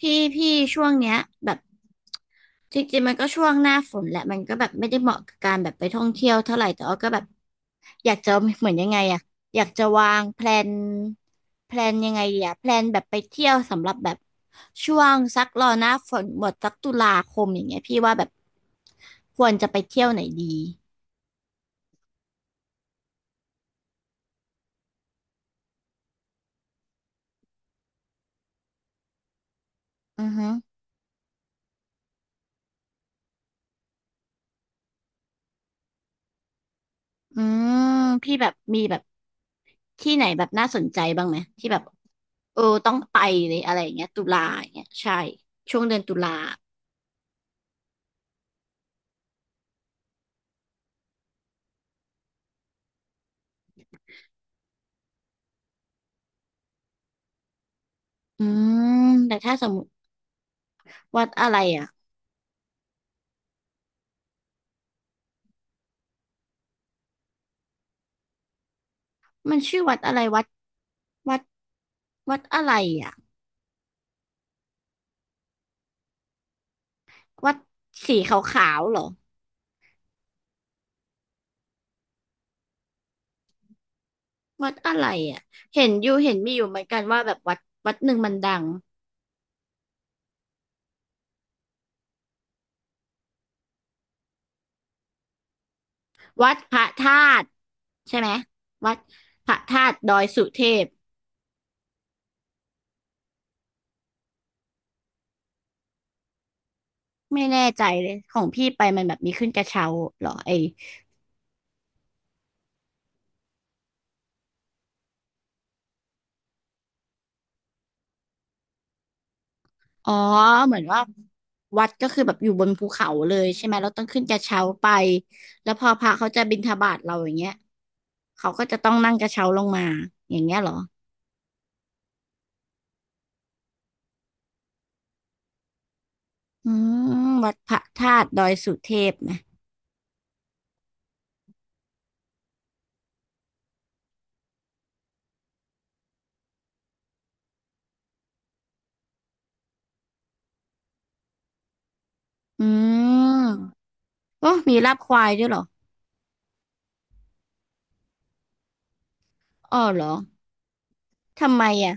พี่พี่ช่วงเนี้ยแบบจริงๆมันก็ช่วงหน้าฝนแหละมันก็แบบไม่ได้เหมาะกับการแบบไปท่องเที่ยวเท่าไหร่แต่ว่าก็แบบอยากจะเหมือนยังไงอะอยากจะวางแพลนยังไงดีอะแพลนแบบไปเที่ยวสำหรับแบบช่วงสักรอหน้าฝนหมดสักตุลาคมอย่างเงี้ยพี่ว่าแบบควรจะไปเที่ยวไหนดีอือฮึอืมพี่แบบมีแบบที่ไหนแบบน่าสนใจบ้างไหมที่แบบ เออต้องไปเลยอะไรอย่างเงี้ยตุลาอย่างเงี้ยใช่ช่วงเดือนตุลาอืมแต่ถ้าสมมติวัดอะไรอ่ะมันชื่อวัดอะไรวัดวัดอะไรอ่ะวัดสีขาวๆเหรอวัดอะไรอ่ะเห็นอยู่เห็นมีอยู่เหมือนกันว่าแบบวัดหนึ่งมันดังวัดพระธาตุใช่ไหมวัดพระธาตุดอยสุเทพไม่แน่ใจเลยของพี่ไปมันแบบมีขึ้นกระเช้าเหรอไอ อ๋อเหมือนว่าวัดก็คือแบบอยู่บนภูเขาเลยใช่ไหมเราต้องขึ้นกระเช้าไปแล้วพอพระเขาจะบิณฑบาตเราอย่างเงี้ยเขาก็จะต้องนั่งกระเช้าลงมาอย่างเงี้ยเหรออืมวัดพระธาตุดอยสุเทพนะอืมโอ้มีลาบควายด้วยเหรออ๋อเหรอทำไมอ่ะ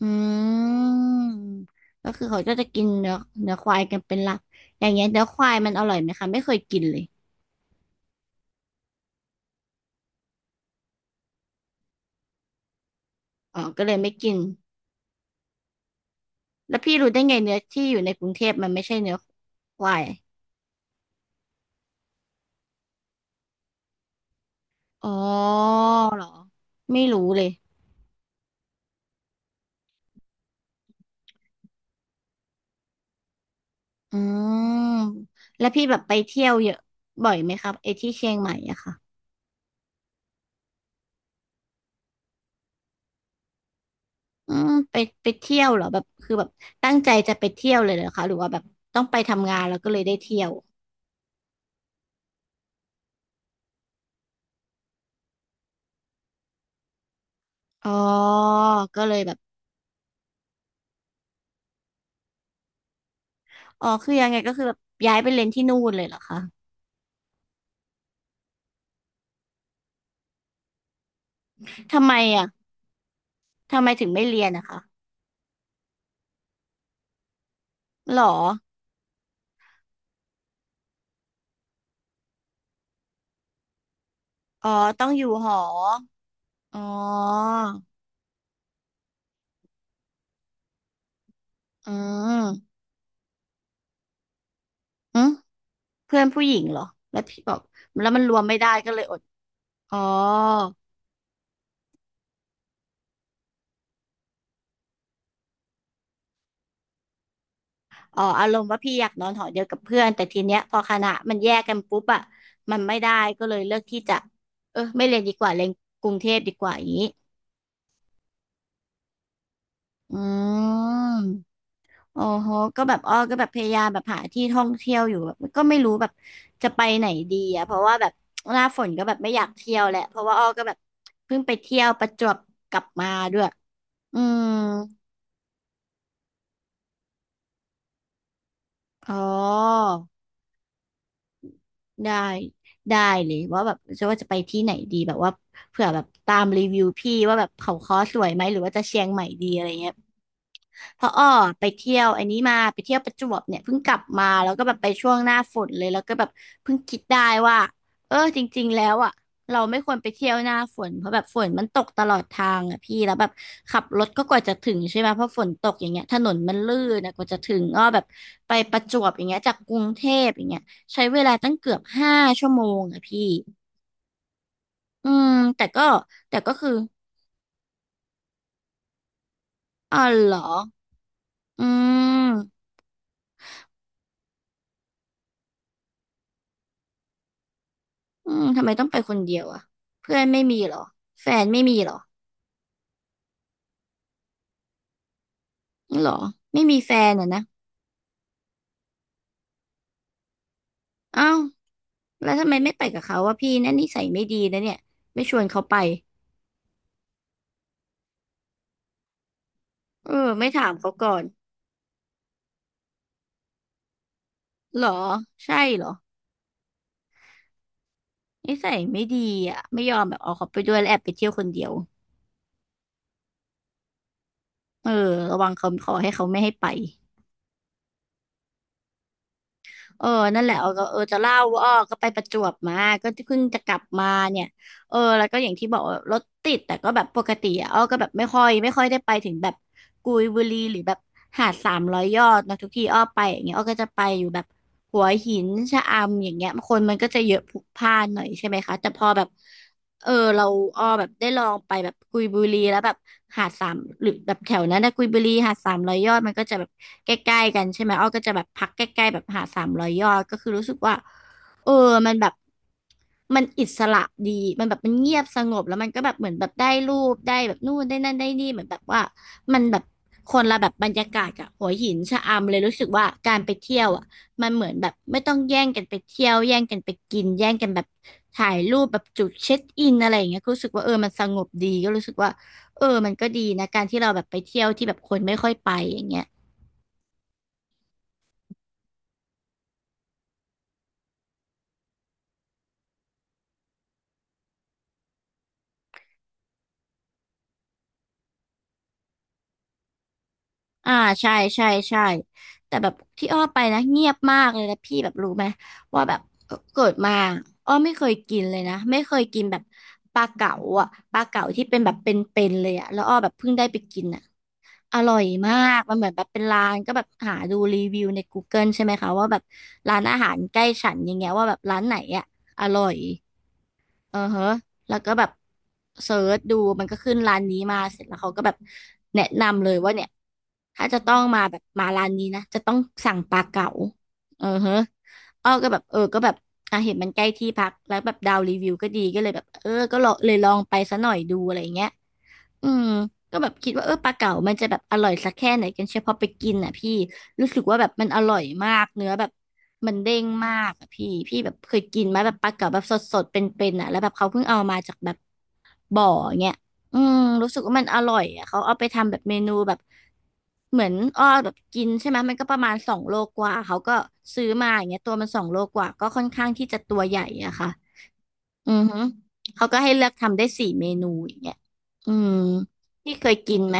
อืมก็คือเขาก็จะกินเนื้อควายกันเป็นหลักอย่างเงี้ยเนื้อควายมันอร่อยไหมคะไม่เคยกินเลยอ๋อก็เลยไม่กิน แล้วพี่รู้ได้ไงเนื้อที่อยู่ในกรุงเทพมันไม่ใช่เนื้อควายอ๋อเหรอไม่รู้เลยอืมแล้วพี่แบบไปเที่ยวเยอะบ่อยไหมครับไอ้ที่เชียงใหม่อะค่ะอืมไปเที่ยวเหรอแบบคือแบบตั้งใจจะไปเที่ยวเลยเหรอคะหรือว่าแบบต้องไปทำงานแล้วก็เลยได้เที่ยวอ๋อก็เลยแบบอ๋อคือยังไงก็คือแบบย้ายไปเรียนที่นู่นเลยเหรอคะทำไมอะทำไมถึงไม่เรียนนะคะหรออ๋อต้องอยู่หออ๋ออืม อืมเพื่อนผู้หญิงเหรอแล้วพี่บอกแล้วมันรวมไม่ได้ก็เลยอดอ๋ออ๋ออารมณ์ว่าพี่อยากนอนหอเดียวกับเพื่อนแต่ทีเนี้ยพอคณะมันแยกกันปุ๊บอะมันไม่ได้ก็เลยเลือกที่จะเออไม่เรียนดีกว่าเรียนกรุงเทพดีกว่าอย่างนี้อืมโอ้โหก็แบบอ้อก็แบบพยายามแบบหาที่ท่องเที่ยวอยู่แบบก็ไม่รู้แบบจะไปไหนดีอะเพราะว่าแบบหน้าฝนก็แบบไม่อยากเที่ยวแหละเพราะว่าอ้อก็แบบเพิ่งไปเที่ยวประจวบกลับมาด้วยอืมอ๋อ ได้ได้เลยว่าแบบจะว่าจะไปที่ไหนดีแบบว่าเผื่อแบบตามรีวิวพี่ว่าแบบเขาค้อสวยไหมหรือว่าจะเชียงใหม่ดีอะไรเงี้ยเพราะอ้อไปเที่ยวอันนี้มาไปเที่ยวประจวบเนี่ยเพิ่งกลับมาแล้วก็แบบไปช่วงหน้าฝนเลยแล้วก็แบบเพิ่งคิดได้ว่าเออจริงๆแล้วอ่ะเราไม่ควรไปเที่ยวหน้าฝนเพราะแบบฝนมันตกตลอดทางอ่ะพี่แล้วแบบขับรถก็กว่าจะถึงใช่ไหมเพราะฝนตกอย่างเงี้ยถนนมันลื่นนะกว่าจะถึงอ้อแบบไปประจวบอย่างเงี้ยจากกรุงเทพอย่างเงี้ย ใช้เวลาตั้งเกือบ5ชั่วโมงอะพี่อืมแต่ก็แต่ก็คืออ๋อเหรออืมอืมทำไมต้องไปคนเดียวอะเพื่อนไม่มีเหรอแฟนไม่มีเหรอเหรอไม่มีแฟนอะนะอ้าวแล้วทำไมไม่ไปกับเขาวะพี่นั่นนิสัยไม่ดีนะเนี่ยไม่ชวนเขาไปเออไม่ถามเขาก่อนเหรอใช่เหรอนิสัยไม่ดีอะไม่ยอมแบบเอาเขาไปด้วยแล้วแอบไปเที่ยวคนเดียวเออระวังเขาขอให้เขาไม่ให้ไป เออนั่นแหละเออก็เออจะเล่าว่าอ้อก็ไปประจวบมา ก็เพิ่งจะกลับมาเนี่ยเออแล้วก็อย่างที่บอกว่ารถติดแต่ก็แบบปกติอะอ้อก็แบบไม่ค่อยได้ไปถึงแบบกุยบุรีหรือแบบหาด300ยอดเนอะทุกที่อ้อไปอย่างเงี้ยอ้อก็จะไปอยู่แบบหัวหินชะอำอย่างเงี้ยคนมันก็จะเยอะพลุกพล่านหน่อยใช่ไหมคะแต่พอแบบ เออเราแบบได้ลองไปแบบกุยบุรีแล้วแบบหาดสามหรือแบบแถวนั้นนะกุยบุรีหาดสามร้อยยอดมันก็จะแบบใกล้ๆกันใช่ไหมก็จะแบบพักใกล้ๆแบบหาดสามร้อยยอดก็คือรู้สึกว่าเออมันแบบมันอิสระดีมันแบบมันเงียบสงบแล้วมันก็แบบเหมือนแบบได้รูปได้แบบนู่นได้นั่นได้นี่เหมือนแบบว่ามันแบบคนละแบบบรรยากาศกับหัวหินชะอำเลยรู้สึกว่าการไปเที่ยวอ่ะ มันเหมือนแบบไม่ต้องแย่งกันไปเที่ยวแย่งกันไปกินแย่งกันแบบถ่ายรูปแบบจุดเช็คอินอะไรอย่างเงี้ยก็รู้สึกว่ามันสงบดีก็รู้สึกว่ามันก็ดีนะการที่เราแบบไปเที่ยวที่แบบคนไม่ค่อยไปอย่างเงี้ย อ่าใช่ใช่ใช่แต่แบบที่ไปนะเงียบมากเลยนะพี่แบบรู้ไหมว่าแบบเกิดมาไม่เคยกินเลยนะไม่เคยกินแบบปลาเก๋าอ่ะปลาเก๋าที่เป็นแบบเป็นๆเลยอ่ะแล้วแบบเพิ่งได้ไปกินอ่ะอร่อยมากมันเหมือนแบบเป็นร้านก็แบบหาดูรีวิวใน Google ใช่ไหมคะว่าแบบร้านอาหารใกล้ฉันอย่างเงี้ยว่าแบบร้านไหนอ่ะอร่อย เออฮะแล้วก็แบบเสิร์ชดูมันก็ขึ้นร้านนี้มาเสร็จแล้วเขาก็แบบแนะนำเลยว่าเนี่ยถ้าจะต้องมาแบบมาร้านนี้นะจะต้องสั่งปลาเก๋าเออฮะก็แบบก็แบบอ่ะเห็นมันใกล้ที่พักแล้วแบบดาวรีวิวก็ดีก็เลยแบบก็ลองเลยลองไปซะหน่อยดูอะไรอย่างเงี้ย อืมก็แบบคิดว่าปลาเก๋ามันจะแบบอร่อยสักแค่ไหนกันเชียวพอไปกินอ่ะพี่รู้สึกว่าแบบมันอร่อยมากเนื้อแบบมันเด้งมากอ่ะพี่แบบเคยกินไหมแบบปลาเก๋าแบบสดๆเป็นๆอ่ะแล้วแบบเขาเพิ่งเอามาจากแบบบ่อเงี้ยอืมรู้สึกว่ามันอร่อยอ่ะเขาเอาไปทำแบบเมนูแบบเหมือนแบบกินใช่ไหมมันก็ประมาณสองโลกว่าเขาก็ซื้อมาอย่างเงี้ยตัวมันสองโลกว่าก็ค่อนข้างที่จะตัวใหญ่อะค่ะ อือฮึเขาก็ให้เลือกทำได้4 เมนูอย่างเงี้ยอืมที่เคยกินไหม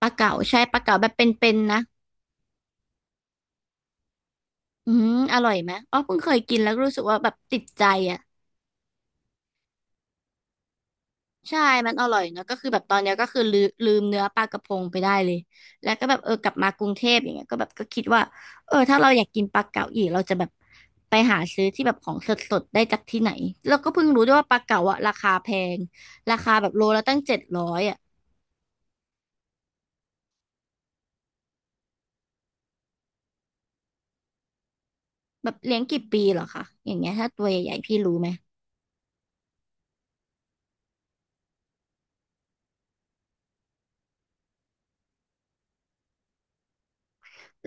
ปลาเก๋าใช่ปลาเก๋าแบบเป็นๆนะอืมอร่อยไหมอ๋อเพิ่งเคยกินแล้วรู้สึกว่าแบบติดใจอ่ะใช่ มันอร่อยเนาะก็คือแบบตอนเนี้ยก็คือลืมเนื้อปลากระพงไปได้เลย แล้วก็แบบกลับมากรุงเทพอย่างเงี้ยก็แบบก็คิดว่าถ้าเราอยากกินปลาเก๋าอีกเราจะแบบไปหาซื้อที่แบบของสดๆได้จากที่ไหนแล้วก็เพิ่งรู้ด้วยว่าปลาเก๋าอะราคาแพงราคาแบบโลละตั้ง700อ่ะ แบบเลี้ยงกี่ปีเหรอคะ อย่างเงี้ยถ้าตัวใหญ่ๆพี่รู้ไหม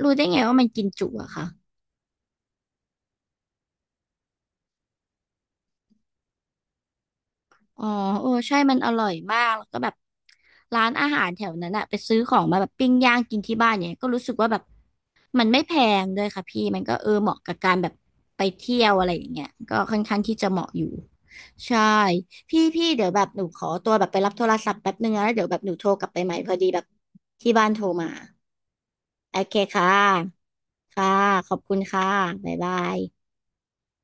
รู้ได้ไงว่ามันกินจุอะคะ อ๋อใช่มันอร่อยมากแล้วก็แบบร้านอาหารแถวนั้นอะไปซื้อของมาแบบปิ้งย่างกินที่บ้านเนี่ยก็รู้สึกว่าแบบมันไม่แพงด้วยค่ะพี่มันก็เหมาะกับการแบบไปเที่ยวอะไรอย่างเงี้ยก็ค่อนข้างที่จะเหมาะอยู่ใช่พี่เดี๋ยวแบบหนูขอตัวแบบไปรับโทรศัพท์แป๊บนึงนะแล้วเดี๋ยวแบบหนูโทรกลับไปใหม่พอดีแบบที่บ้านโทรมาโอเคค่ะค่ะขอบคุณค่ะบ๊ายบาย